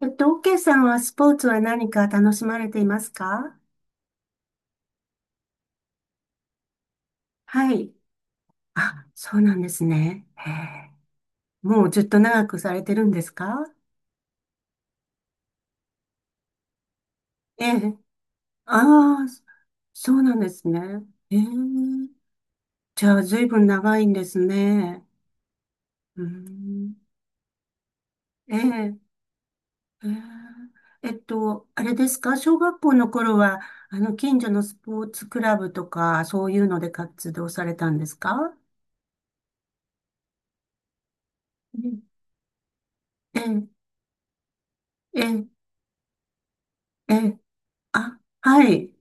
OK さんはスポーツは何か楽しまれていますか？はい。あ、そうなんですね。へえ。もうずっと長くされてるんですか？ええ。ああ、そうなんですね。ええ。じゃあ、ずいぶん長いんですね。うーん。ええ。ええ。あれですか？小学校の頃は、あの、近所のスポーツクラブとか、そういうので活動されたんですか？うん。ええ、ええ、ええ。あ、はい。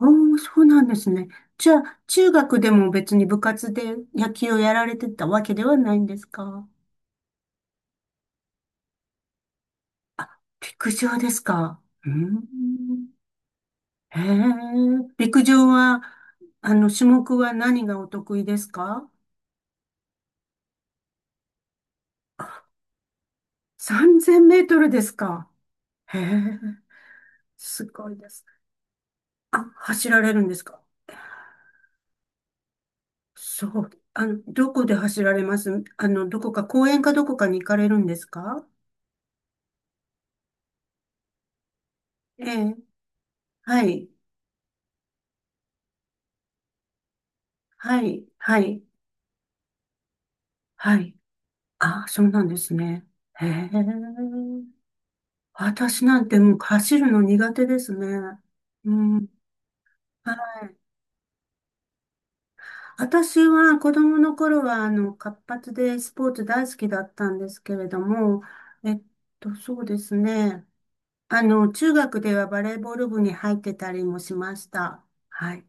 おー、そうなんですね。じゃあ、中学でも別に部活で野球をやられてたわけではないんですか？あ、陸上ですか。うーん。へえ、陸上は、あの、種目は何がお得意ですか？ 3000 メートルですか？へえ、すごいです。あ、走られるんですか？そう。あの、どこで走られます？あの、どこか、公園かどこかに行かれるんですか？ええ、はい。はい、はい、はい。ああ、そうなんですね。へえ。私なんてもう走るの苦手ですね。うん。はい。私は子供の頃は、あの、活発でスポーツ大好きだったんですけれども、えっそうですね。あの、中学ではバレーボール部に入ってたりもしました。はい。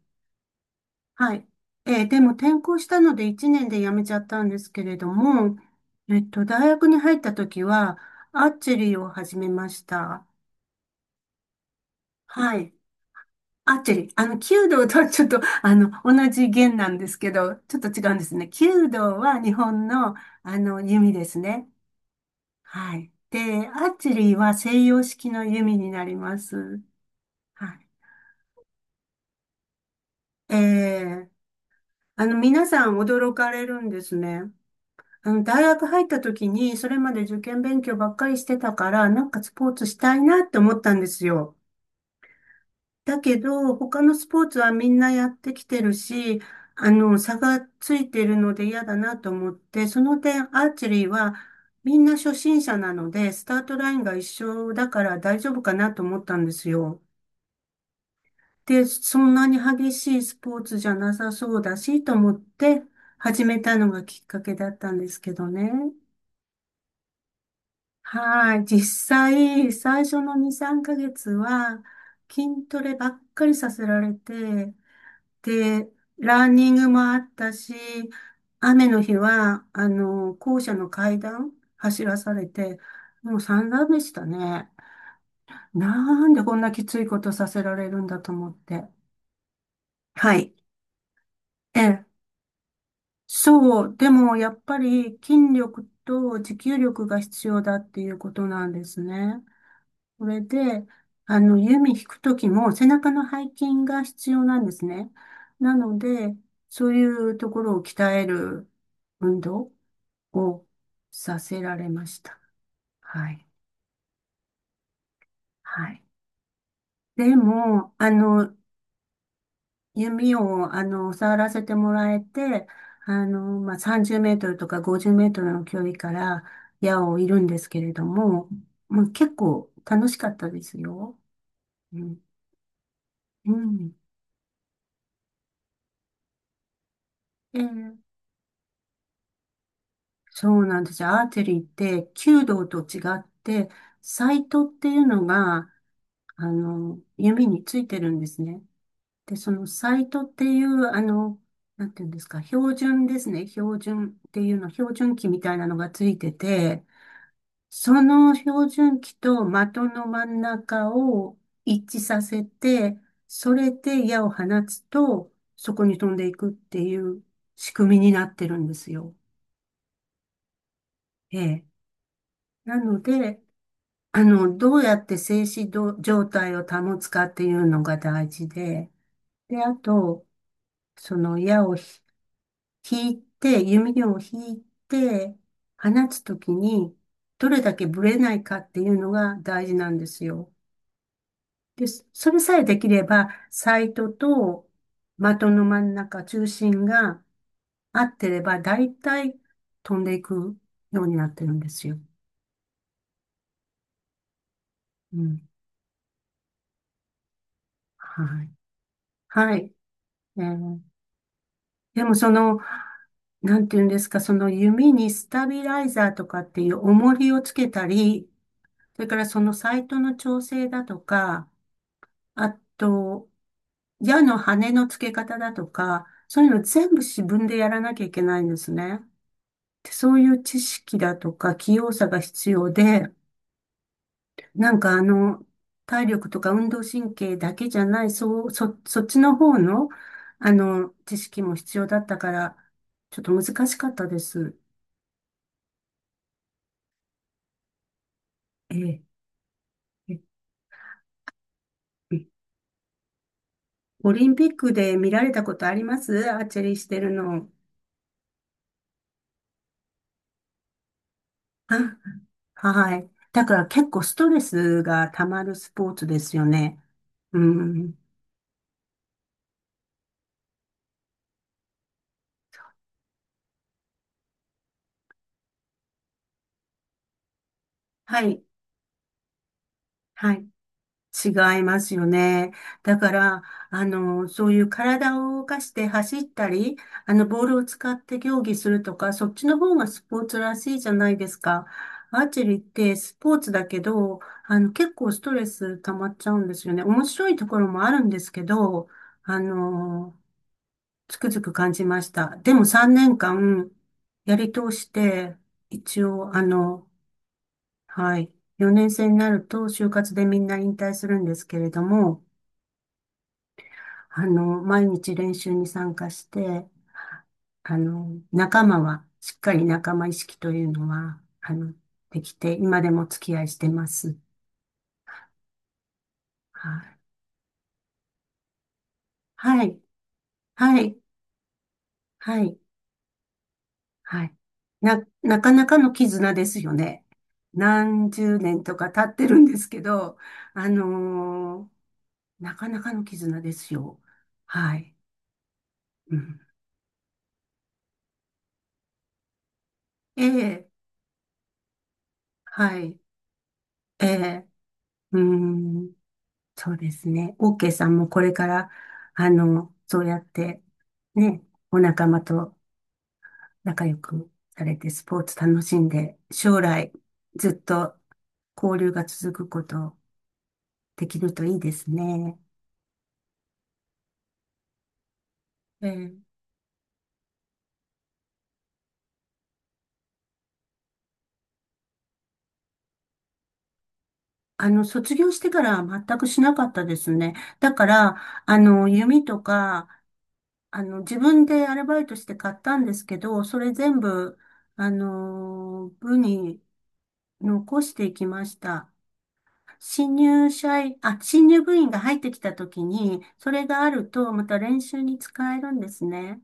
はい。でも転校したので1年で辞めちゃったんですけれども、大学に入った時は、アーチェリーを始めました。はい。アーチェリー。あの、弓道とはちょっと、あの、同じ弦なんですけど、ちょっと違うんですね。弓道は日本の、あの、弓ですね。はい。で、アーチェリーは西洋式の弓になります。はい。あの、皆さん驚かれるんですね。あの、大学入った時に、それまで受験勉強ばっかりしてたから、なんかスポーツしたいなって思ったんですよ。だけど、他のスポーツはみんなやってきてるし、あの、差がついてるので嫌だなと思って、その点、アーチェリーはみんな初心者なので、スタートラインが一緒だから大丈夫かなと思ったんですよ。で、そんなに激しいスポーツじゃなさそうだし、と思って始めたのがきっかけだったんですけどね。はい。実際、最初の2、3ヶ月は、筋トレばっかりさせられて、で、ランニングもあったし、雨の日は、あの、校舎の階段走らされて、もう散々でしたね。なんでこんなきついことさせられるんだと思って。はい。ええ。そう。でも、やっぱり筋力と持久力が必要だっていうことなんですね。それで、あの、弓引くときも背中の背筋が必要なんですね。なので、そういうところを鍛える運動をさせられました。はい。はい。でも、あの、弓を、あの、触らせてもらえて、あの、まあ、30メートルとか50メートルの距離から矢を射るんですけれども、まあ、結構楽しかったですよ。うん。うん。ええ。そうなんですよ。アーチェリーって弓道と違って、サイトっていうのが、あの、弓についてるんですね。で、そのサイトっていう、あの、なんていうんですか、標準ですね。標準っていうの、標準器みたいなのがついてて、その標準器と的の真ん中を一致させて、それで矢を放つと、そこに飛んでいくっていう仕組みになってるんですよ。ええ。なので、あの、どうやって静止状態を保つかっていうのが大事で、で、あと、その矢を引いて、弓矢を引いて、放つときに、どれだけブレないかっていうのが大事なんですよ。で、それさえできれば、サイトと的の真ん中、中心が合ってれば、大体飛んでいくようになってるんですよ。うん。はい。はい。えーでもその、なんていうんですか、その弓にスタビライザーとかっていう重りをつけたり、それからそのサイトの調整だとか、あと、矢の羽の付け方だとか、そういうの全部自分でやらなきゃいけないんですね。でそういう知識だとか器用さが必要で、なんかあの、体力とか運動神経だけじゃない、そう、そっちの方の、あの、知識も必要だったから、ちょっと難しかったです。ええ、ええ。オリンピックで見られたことあります？アーチェリーしてるの。あ、はい。だから結構ストレスが溜まるスポーツですよね。うん。はい。はい。違いますよね。だから、あの、そういう体を動かして走ったり、あの、ボールを使って競技するとか、そっちの方がスポーツらしいじゃないですか。アーチェリーってスポーツだけど、あの、結構ストレス溜まっちゃうんですよね。面白いところもあるんですけど、あの、つくづく感じました。でも3年間やり通して、一応、あの、はい、4年生になると就活でみんな引退するんですけれども、あの、毎日練習に参加して、あの、仲間は、しっかり仲間意識というのは、あの、できて、今でもお付き合いしてます。はい。はい。はい。はい。はい。なかなかの絆ですよね。何十年とか経ってるんですけど、あのーなかなかの絆ですよ。はい。うん、ええ、はい。ええ、うん。そうですね。オーケーさんもこれから、あの、そうやって、ね、お仲間と仲良くされて、スポーツ楽しんで、将来、ずっと交流が続くことできるといいですね。ええ。あの、卒業してからは全くしなかったですね。だから、あの、弓とか、あの、自分でアルバイトして買ったんですけど、それ全部、あの、部に残していきました。新入社員、あ、新入部員が入ってきたときに、それがあると、また練習に使えるんですね。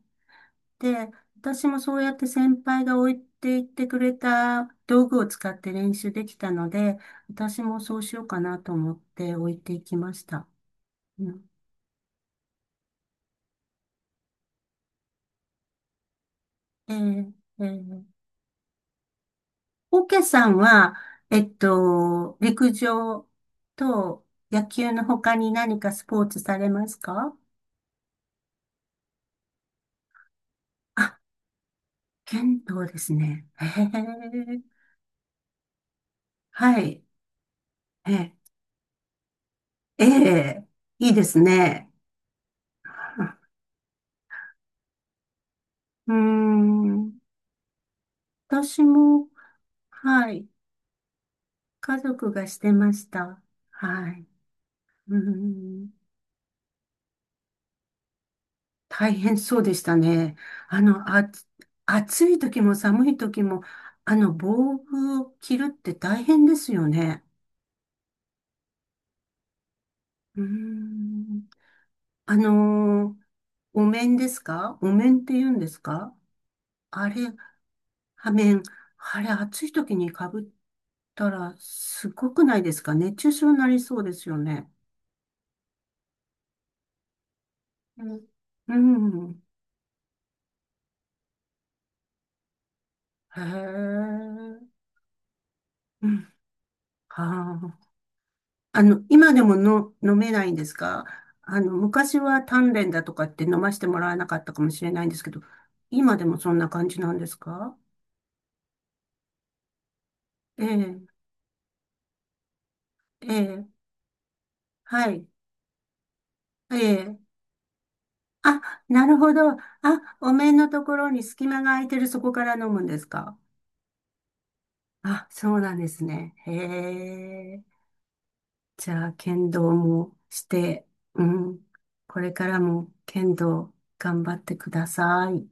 で、私もそうやって先輩が置いていってくれた道具を使って練習できたので、私もそうしようかなと思って置いていきました。うん。えーえー、オケさんは、陸上と野球の他に何かスポーツされますか？あ、剣道ですね。へえ。はい。え、ええ、いいですね。うーん。私も、はい。家族がしてました。はい。うーん。大変そうでしたね。あの、あ、暑い時も寒い時も、あの、防具を着るって大変ですよね。うーん。あのーお面ですか？お面って言うんですか？あれ、は面。あれ、暑い時に被ったら、すごくないですか？熱中症になりそうですよね。うんうん。へえ。うん。はあ。あの、今でもの飲めないんですか？あの、昔は鍛錬だとかって飲ましてもらわなかったかもしれないんですけど、今でもそんな感じなんですか？ええ、ええ、はい、ええ。あ、なるほど。あ、お面のところに隙間が空いてる、そこから飲むんですか？あ、そうなんですね。へえ。じゃあ、剣道もして、うん。これからも剣道頑張ってください。